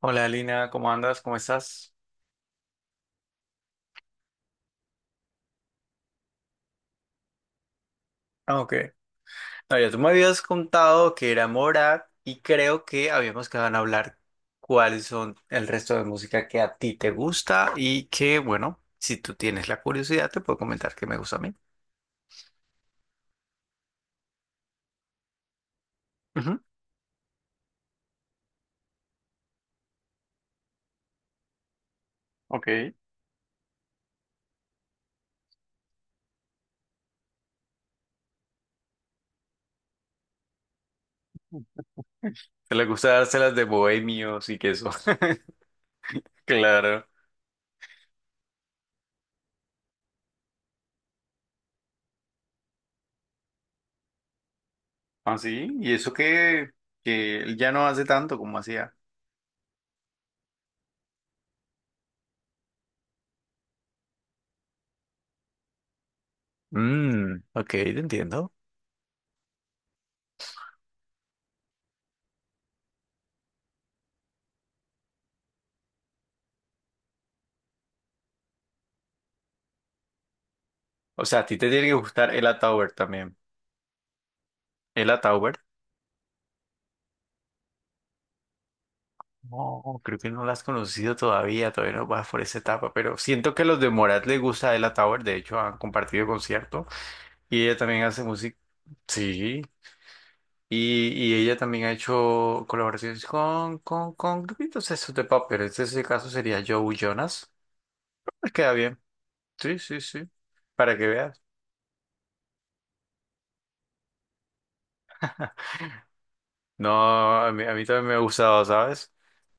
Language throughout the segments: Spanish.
Hola, Lina, ¿cómo andas? ¿Cómo estás? Ah, ok. No, ya tú me habías contado que era Morat y creo que habíamos quedado en hablar cuáles son el resto de música que a ti te gusta y que, bueno, si tú tienes la curiosidad, te puedo comentar que me gusta a mí. Ujú. Ok. Te le gusta dárselas de bohemios y que eso. Claro. Ah, sí. Y eso que él ya no hace tanto como hacía. Mm, ok, te entiendo. O sea, a ti te tiene que gustar el Tower también. El Tower. No, creo que no la has conocido todavía, todavía no vas por esa etapa, pero siento que los de Morat les gusta Ella Tower, de hecho han compartido concierto y ella también hace música, sí, y, y ella también ha hecho colaboraciones con grupitos esos de pop, pero este ese caso sería Joe Jonas, les queda bien, sí, sí, sí, para que veas. No, a mí también me ha gustado, ¿sabes?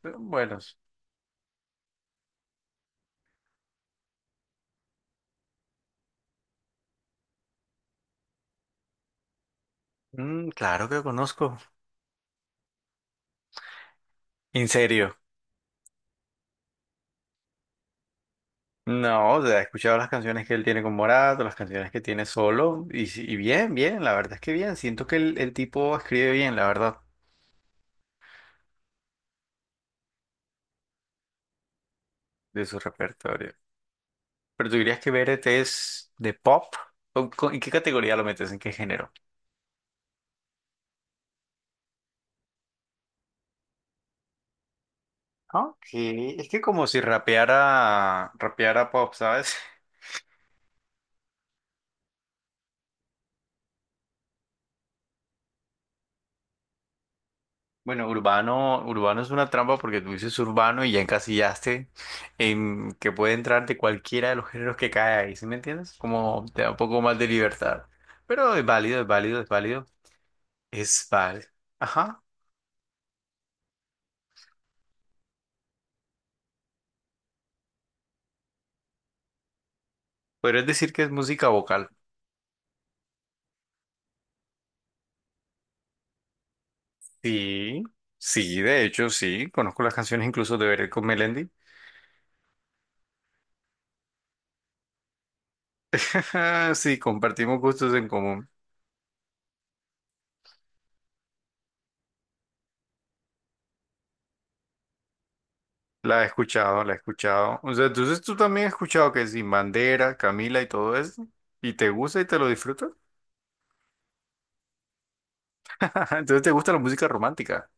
Pero buenos. Mm, claro que conozco, en serio. No, o sea, he escuchado las canciones que él tiene con Morato, las canciones que tiene solo, y, y bien, bien, la verdad es que bien. Siento que el tipo escribe bien, la verdad, de su repertorio. Pero tú dirías que BRT es de pop, en qué categoría lo metes? ¿En qué género? Ok, es que como si rapeara pop, ¿sabes? Bueno, urbano es una trampa porque tú dices urbano y ya encasillaste en que puede entrar de cualquiera de los géneros que cae ahí, ¿sí me entiendes? Como te da un poco más de libertad. Pero es es válido. Es válido. Ajá. Podrías decir que es música vocal. Sí, sí, de hecho, sí. Conozco las canciones incluso de Veré con Melendi. Sí, compartimos gustos en común. La he escuchado, la he escuchado. O sea, entonces tú también has escuchado que Sin Bandera, Camila y todo eso. ¿Y te gusta y te lo disfrutas? Ajá, entonces te gusta la música romántica.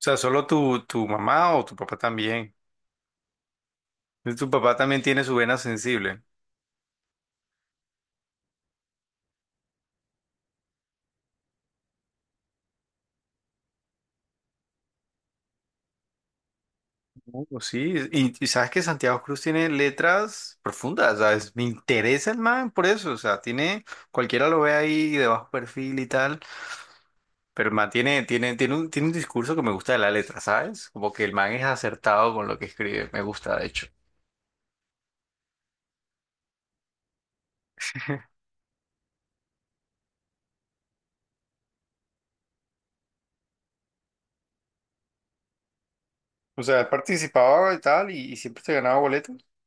O sea, ¿solo tu, tu mamá o tu papá también? Entonces, tu papá también tiene su vena sensible. Oh, sí, y sabes que Santiago Cruz tiene letras profundas, ¿sabes? Me interesa el man por eso, o sea, tiene, cualquiera lo ve ahí de bajo perfil y tal, pero el man tiene un discurso que me gusta de la letra, ¿sabes? Como que el man es acertado con lo que escribe, me gusta de hecho. O sea, él participaba y tal, y siempre se ganaba boletos.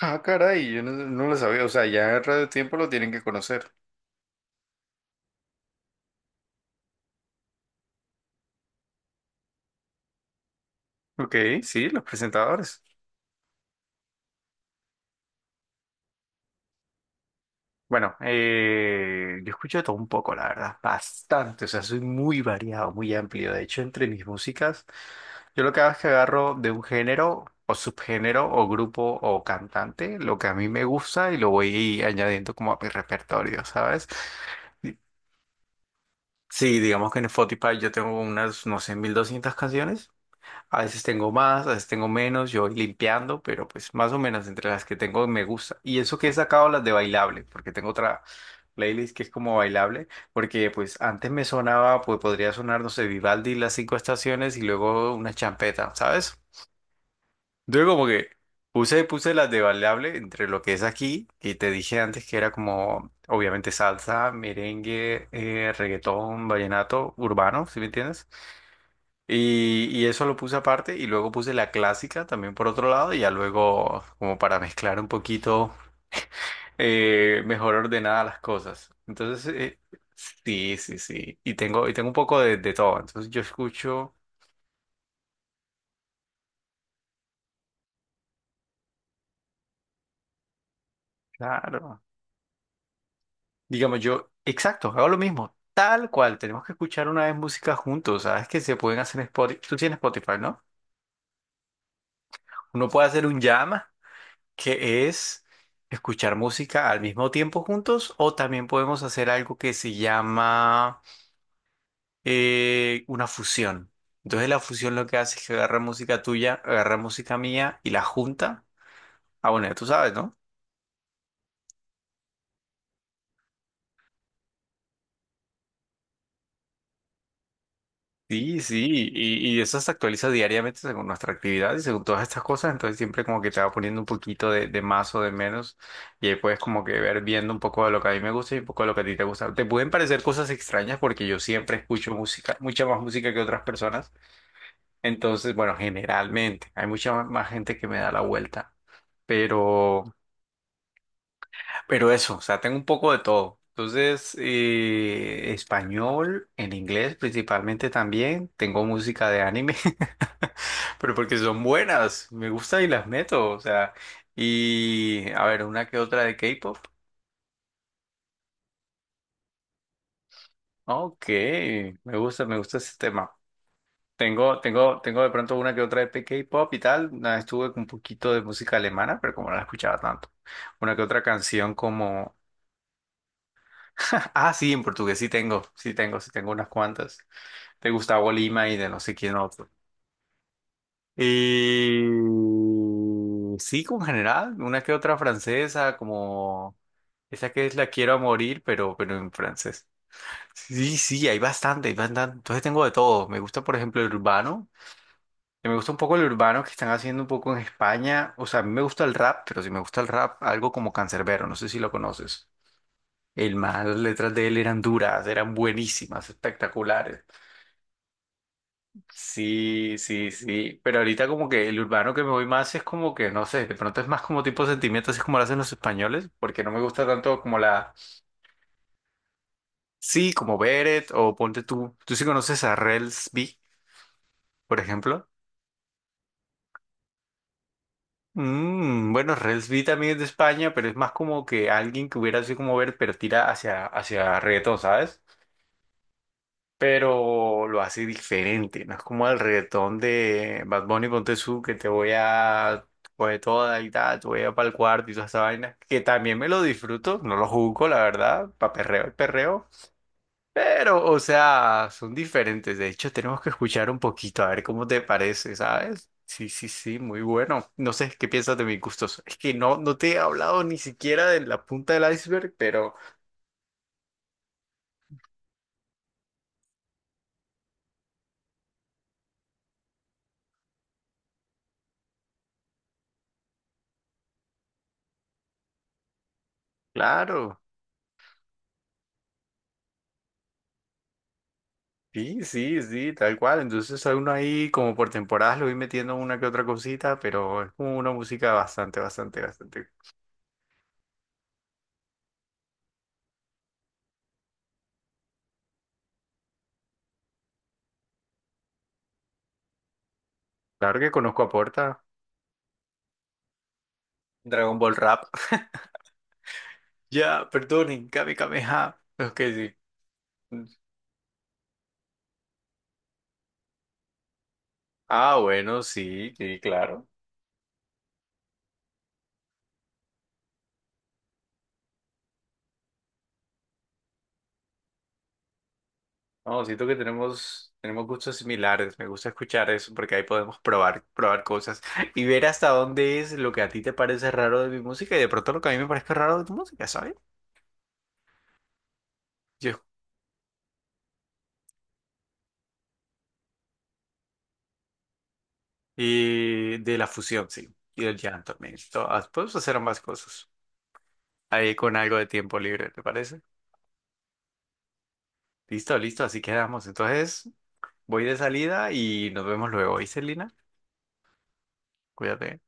Ah, caray, yo no lo sabía. O sea, ya en Radio Tiempo lo tienen que conocer. Ok, sí, los presentadores. Bueno, yo escucho de todo un poco, la verdad, bastante. O sea, soy muy variado, muy amplio. De hecho, entre mis músicas, yo lo que hago es que agarro de un género o subgénero o grupo o cantante lo que a mí me gusta y lo voy añadiendo como a mi repertorio, ¿sabes? Sí, digamos que en Spotify yo tengo unas, no sé, 1200 canciones. A veces tengo más, a veces tengo menos, yo voy limpiando, pero pues más o menos entre las que tengo me gusta. Y eso que he sacado las de bailable, porque tengo otra playlist que es como bailable, porque pues antes me sonaba, pues podría sonar, no sé, Vivaldi, las cinco estaciones y luego una champeta, ¿sabes? Entonces como que puse las de bailable entre lo que es aquí, y te dije antes que era como, obviamente, salsa, merengue, reggaetón, vallenato, urbano, ¿sí me entiendes? Y eso lo puse aparte y luego puse la clásica también por otro lado y ya luego como para mezclar un poquito mejor ordenadas las cosas. Entonces, sí, sí, sí. Y tengo un poco de todo. Entonces yo escucho, claro, digamos yo, exacto, hago lo mismo, tal cual. Tenemos que escuchar una vez música juntos, ¿sabes? Que se pueden hacer en Spotify. Tú tienes Spotify, ¿no? Uno puede hacer un jam que es escuchar música al mismo tiempo juntos o también podemos hacer algo que se llama una fusión. Entonces la fusión lo que hace es que agarra música tuya, agarra música mía y la junta. Ah, bueno, ya tú sabes, ¿no? Sí, sí, y eso se actualiza diariamente según nuestra actividad y según todas estas cosas, entonces siempre como que te va poniendo un poquito de más o de menos y ahí puedes como que ver viendo un poco de lo que a mí me gusta y un poco de lo que a ti te gusta. Te pueden parecer cosas extrañas porque yo siempre escucho música, mucha más música que otras personas, entonces bueno, generalmente hay mucha más gente que me da la vuelta, pero... Pero eso, o sea, tengo un poco de todo. Entonces, español, en inglés principalmente también. Tengo música de anime, pero porque son buenas, me gusta y las meto. O sea, y a ver, una que otra de K-pop. Ok, me gusta ese tema. Tengo de pronto una que otra de K-pop y tal. Una vez estuve con un poquito de música alemana, pero como no la escuchaba tanto. Una que otra canción como... Ah, sí, en portugués sí tengo unas cuantas. De Gustavo Lima y de no sé quién otro. Y sí, con general, una que otra francesa, como esa que es La quiero a morir, pero en francés. Sí, sí, hay bastante, hay bastante. Entonces tengo de todo. Me gusta, por ejemplo, el urbano. Y me gusta un poco el urbano que están haciendo un poco en España. O sea, a mí me gusta el rap, pero si me gusta el rap, algo como Cancerbero no sé si lo conoces. El man, las letras de él eran duras, eran buenísimas, espectaculares. Sí, sí, sí. Pero ahorita como que el urbano que me voy más es como que, no sé, de pronto es más como tipo sentimiento, así como lo hacen los españoles, porque no me gusta tanto como la... Sí, como Beret o ponte tú. ¿Tú sí conoces a Rels B, por ejemplo? Mm, bueno, Rels B también es de España, pero es más como que alguien que hubiera así como Beret, pero tira hacia reggaetón, ¿sabes? Pero lo hace diferente. No es como el reggaetón de Bad Bunny con Tezú, que te voy a coger toda y tal, te voy a para el cuarto y toda esa vaina, que también me lo disfruto, no lo juzgo, la verdad, para perreo y perreo, pero, o sea, son diferentes. De hecho, tenemos que escuchar un poquito, a ver cómo te parece, ¿sabes? Sí, sí, sí, muy bueno. No sé qué piensas de mis gustos. Es que no te he hablado ni siquiera de la punta del iceberg, pero claro. Sí, sí, sí, tal cual. Entonces a uno ahí como por temporadas lo voy metiendo una que otra cosita, pero es como una música bastante. Claro que conozco a Porta. Dragon Ball Rap. Ya, perdonen, Kame Kameha. Ok, sí. Ah, bueno, sí, sí, claro. No, siento que tenemos gustos similares. Me gusta escuchar eso porque ahí podemos probar cosas y ver hasta dónde es lo que a ti te parece raro de mi música y de pronto lo que a mí me parece raro de tu música, ¿sabes? Yo Y de la fusión, sí. Y del llanto también. Podemos hacer ambas cosas. Ahí con algo de tiempo libre, ¿te parece? Listo, listo, así quedamos. Entonces, voy de salida y nos vemos luego, ¿y Celina? Cuídate.